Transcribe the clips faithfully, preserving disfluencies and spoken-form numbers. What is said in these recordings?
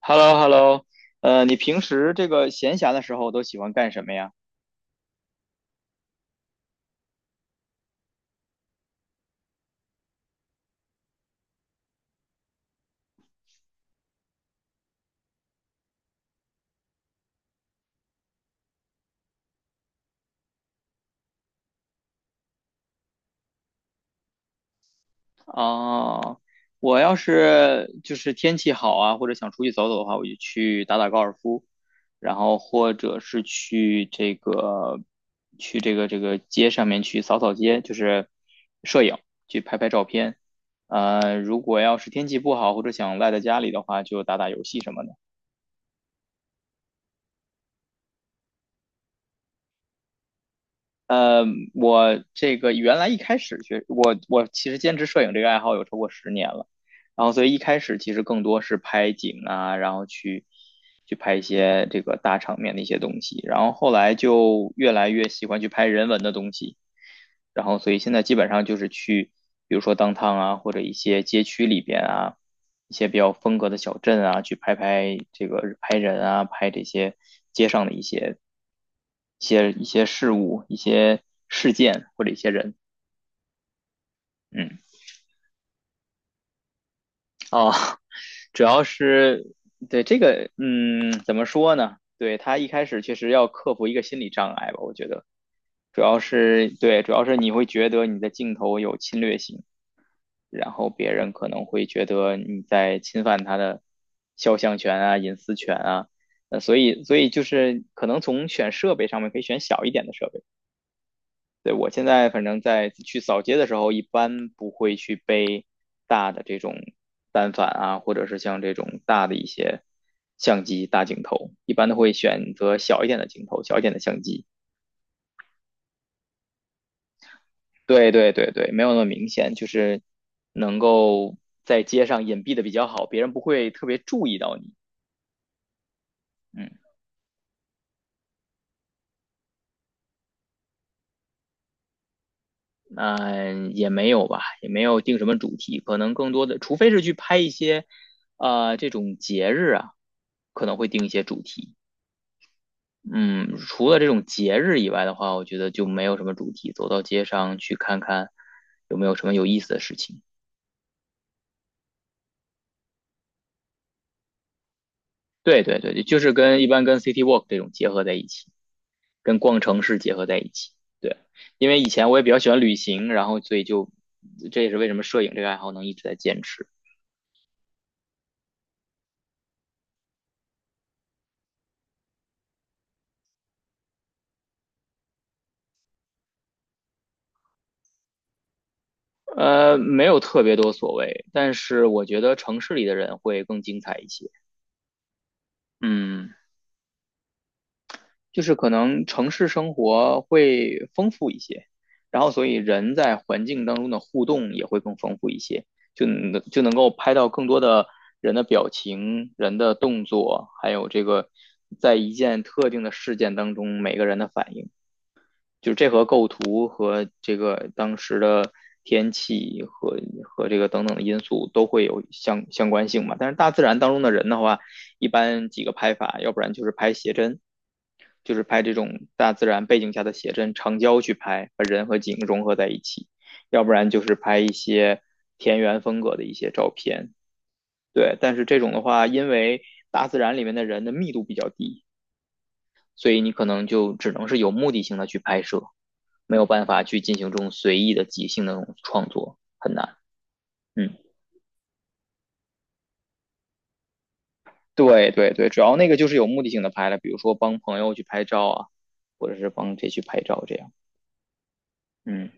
h e l l o h e l l o 呃，你平时这个闲暇的时候都喜欢干什么呀？哦，我要是就是天气好啊，或者想出去走走的话，我就去打打高尔夫，然后或者是去这个去这个这个街上面去扫扫街，就是摄影，去拍拍照片。呃，如果要是天气不好或者想赖在家里的话，就打打游戏什么的。呃，我这个原来一开始学我我其实坚持摄影这个爱好有超过十年了，然后所以一开始其实更多是拍景啊，然后去去拍一些这个大场面的一些东西，然后后来就越来越喜欢去拍人文的东西，然后所以现在基本上就是去，比如说 downtown 啊，或者一些街区里边啊，一些比较风格的小镇啊，去拍拍这个拍人啊，拍这些街上的一些一些一些事物、一些事件或者一些人。嗯，哦，主要是对这个，嗯，怎么说呢？对他一开始确实要克服一个心理障碍吧，我觉得主要是对，主要是你会觉得你的镜头有侵略性。然后别人可能会觉得你在侵犯他的肖像权啊、隐私权啊。呃，所以所以就是可能从选设备上面可以选小一点的设备。对，我现在反正在去扫街的时候，一般不会去背大的这种单反啊，或者是像这种大的一些相机、大镜头，一般都会选择小一点的镜头、小一点的相机。对对对对，没有那么明显，就是能够在街上隐蔽的比较好，别人不会特别注意到你。嗯，那也没有吧，也没有定什么主题，可能更多的，除非是去拍一些，呃，这种节日啊，可能会定一些主题。嗯，除了这种节日以外的话，我觉得就没有什么主题，走到街上去看看有没有什么有意思的事情。对对对，就是跟一般跟 City Walk 这种结合在一起。跟逛城市结合在一起。对，因为以前我也比较喜欢旅行，然后所以就这也是为什么摄影这个爱好能一直在坚持。呃，没有特别多所谓，但是我觉得城市里的人会更精彩一些。嗯。就是可能城市生活会丰富一些，然后所以人在环境当中的互动也会更丰富一些，就能就能够拍到更多的人的表情、人的动作，还有这个在一件特定的事件当中每个人的反应。就是这和构图和这个当时的天气和和这个等等的因素都会有相相关性嘛。但是大自然当中的人的话，一般几个拍法，要不然就是拍写真，就是拍这种大自然背景下的写真，长焦去拍，把人和景融合在一起；要不然就是拍一些田园风格的一些照片。对，但是这种的话，因为大自然里面的人的密度比较低，所以你可能就只能是有目的性的去拍摄。没有办法去进行这种随意的即兴的那种创作，很难。嗯，对对对，主要那个就是有目的性的拍了，比如说帮朋友去拍照啊，或者是帮谁去拍照这样。嗯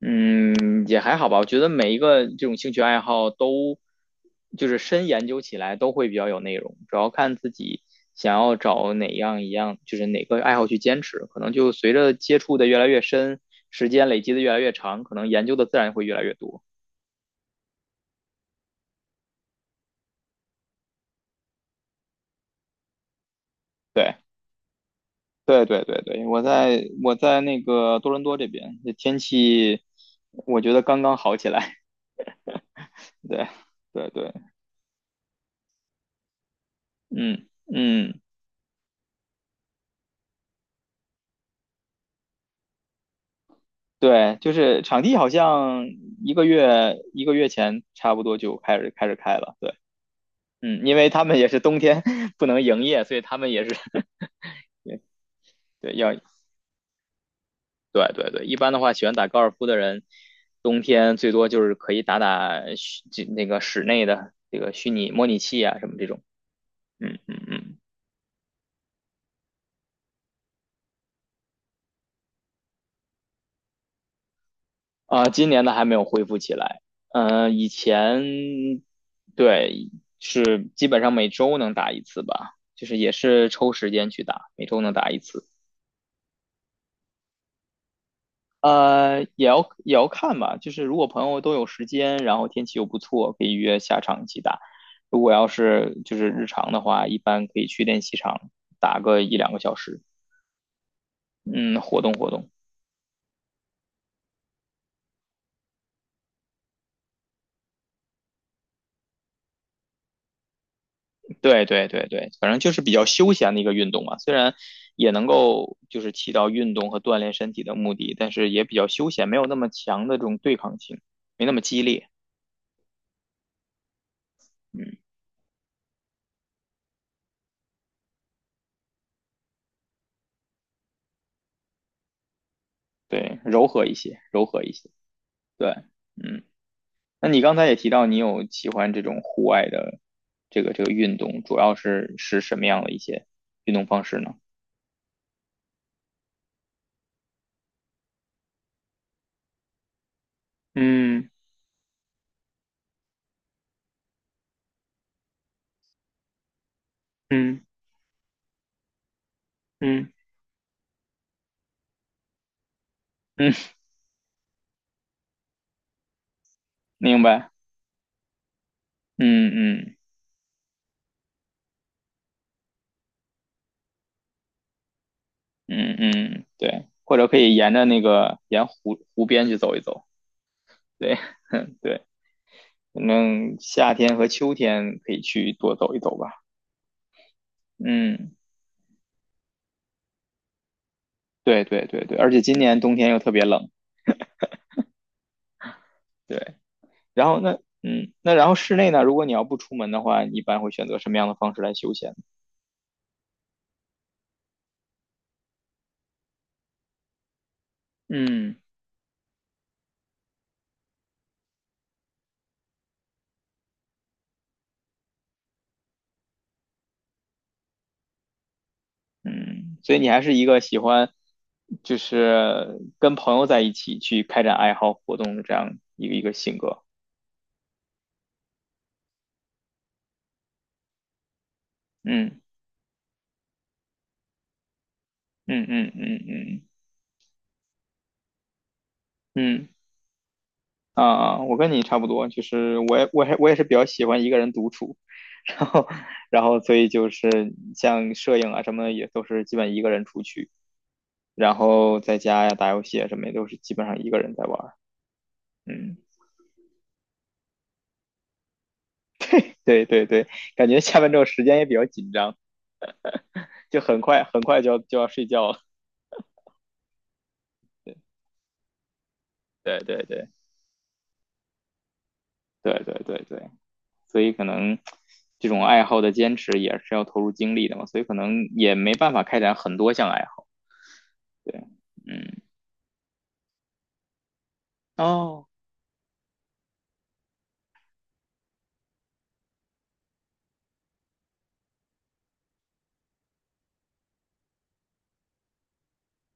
嗯，也还好吧，我觉得每一个这种兴趣爱好都就是深研究起来都会比较有内容，主要看自己想要找哪样一样，就是哪个爱好去坚持，可能就随着接触的越来越深，时间累积的越来越长，可能研究的自然会越来越多。对。对对对对，我在我在那个多伦多这边，这天气我觉得刚刚好起来。对对对，嗯嗯，对，就是场地好像一个月一个月前差不多就开始开始开了。对，嗯，因为他们也是冬天 不能营业，所以他们也是 对要对对对，一般的话喜欢打高尔夫的人，冬天最多就是可以打打虚这那个室内的这个虚拟模拟器啊什么这种。嗯嗯嗯。啊，今年的还没有恢复起来。嗯、以前对是基本上每周能打一次吧，就是也是抽时间去打，每周能打一次。呃，也要也要看吧，就是如果朋友都有时间，然后天气又不错，可以约下场一起打。如果要是就是日常的话，一般可以去练习场打个一两个小时，嗯，活动活动。对对对对，反正就是比较休闲的一个运动嘛，虽然也能够就是起到运动和锻炼身体的目的，但是也比较休闲，没有那么强的这种对抗性，没那么激烈。嗯，对，柔和一些，柔和一些。对，嗯，那你刚才也提到你有喜欢这种户外的这个这个运动，主要是是什么样的一些运动方式呢？嗯嗯嗯嗯，明白。嗯嗯。嗯嗯，对，或者可以沿着那个沿湖湖边去走一走，对对，反正夏天和秋天可以去多走一走吧。嗯，对对对对，而且今年冬天又特别冷，对。然后那嗯，那然后室内呢，如果你要不出门的话，你一般会选择什么样的方式来休闲？嗯嗯，所以你还是一个喜欢就是跟朋友在一起去开展爱好活动的这样一个一个性格。嗯嗯嗯嗯嗯嗯。嗯啊、啊我跟你差不多，就是我也我还我也是比较喜欢一个人独处，然后然后所以就是像摄影啊什么的也都是基本一个人出去，然后在家呀打游戏啊什么也都是基本上一个人在玩儿。嗯，对对对，感觉下班之后时间也比较紧张，就很快很快就要就要睡觉了。对对对对对对对，所以可能这种爱好的坚持也是要投入精力的嘛，所以可能也没办法开展很多项爱好。对，嗯，哦。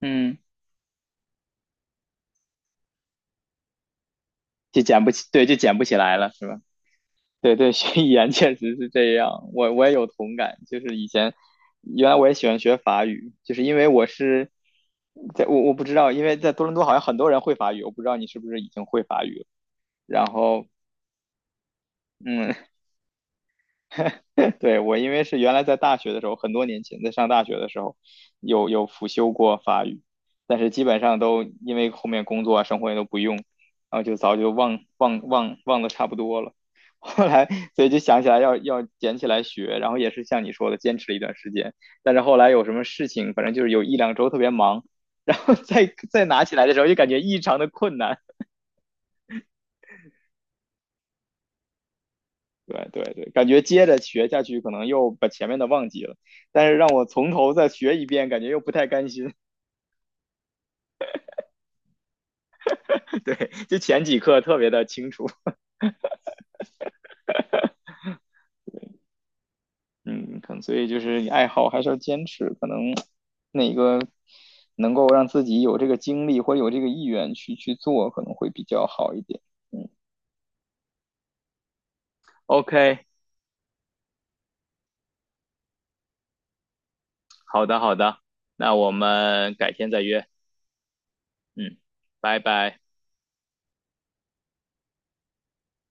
嗯，就捡不起，对，就捡不起来了，是吧？对对，学语言确实是这样，我我也有同感。就是以前，原来我也喜欢学法语，就是因为我是在我我不知道，因为在多伦多好像很多人会法语，我不知道你是不是已经会法语了。然后，嗯，对我因为是原来在大学的时候，很多年前在上大学的时候，有有辅修过法语，但是基本上都因为后面工作啊、生活也都不用，然后就早就忘忘忘忘的差不多了。后来，所以就想起来要要捡起来学，然后也是像你说的，坚持了一段时间。但是后来有什么事情，反正就是有一两周特别忙，然后再再拿起来的时候，就感觉异常的困难。对对对，感觉接着学下去，可能又把前面的忘记了，但是让我从头再学一遍，感觉又不太甘心。对，就前几课特别的清楚，嗯，可能所以就是你爱好还是要坚持，可能哪个能够让自己有这个精力或者有这个意愿去去做，可能会比较好一点。O K，好的好的，那我们改天再约，嗯，拜拜。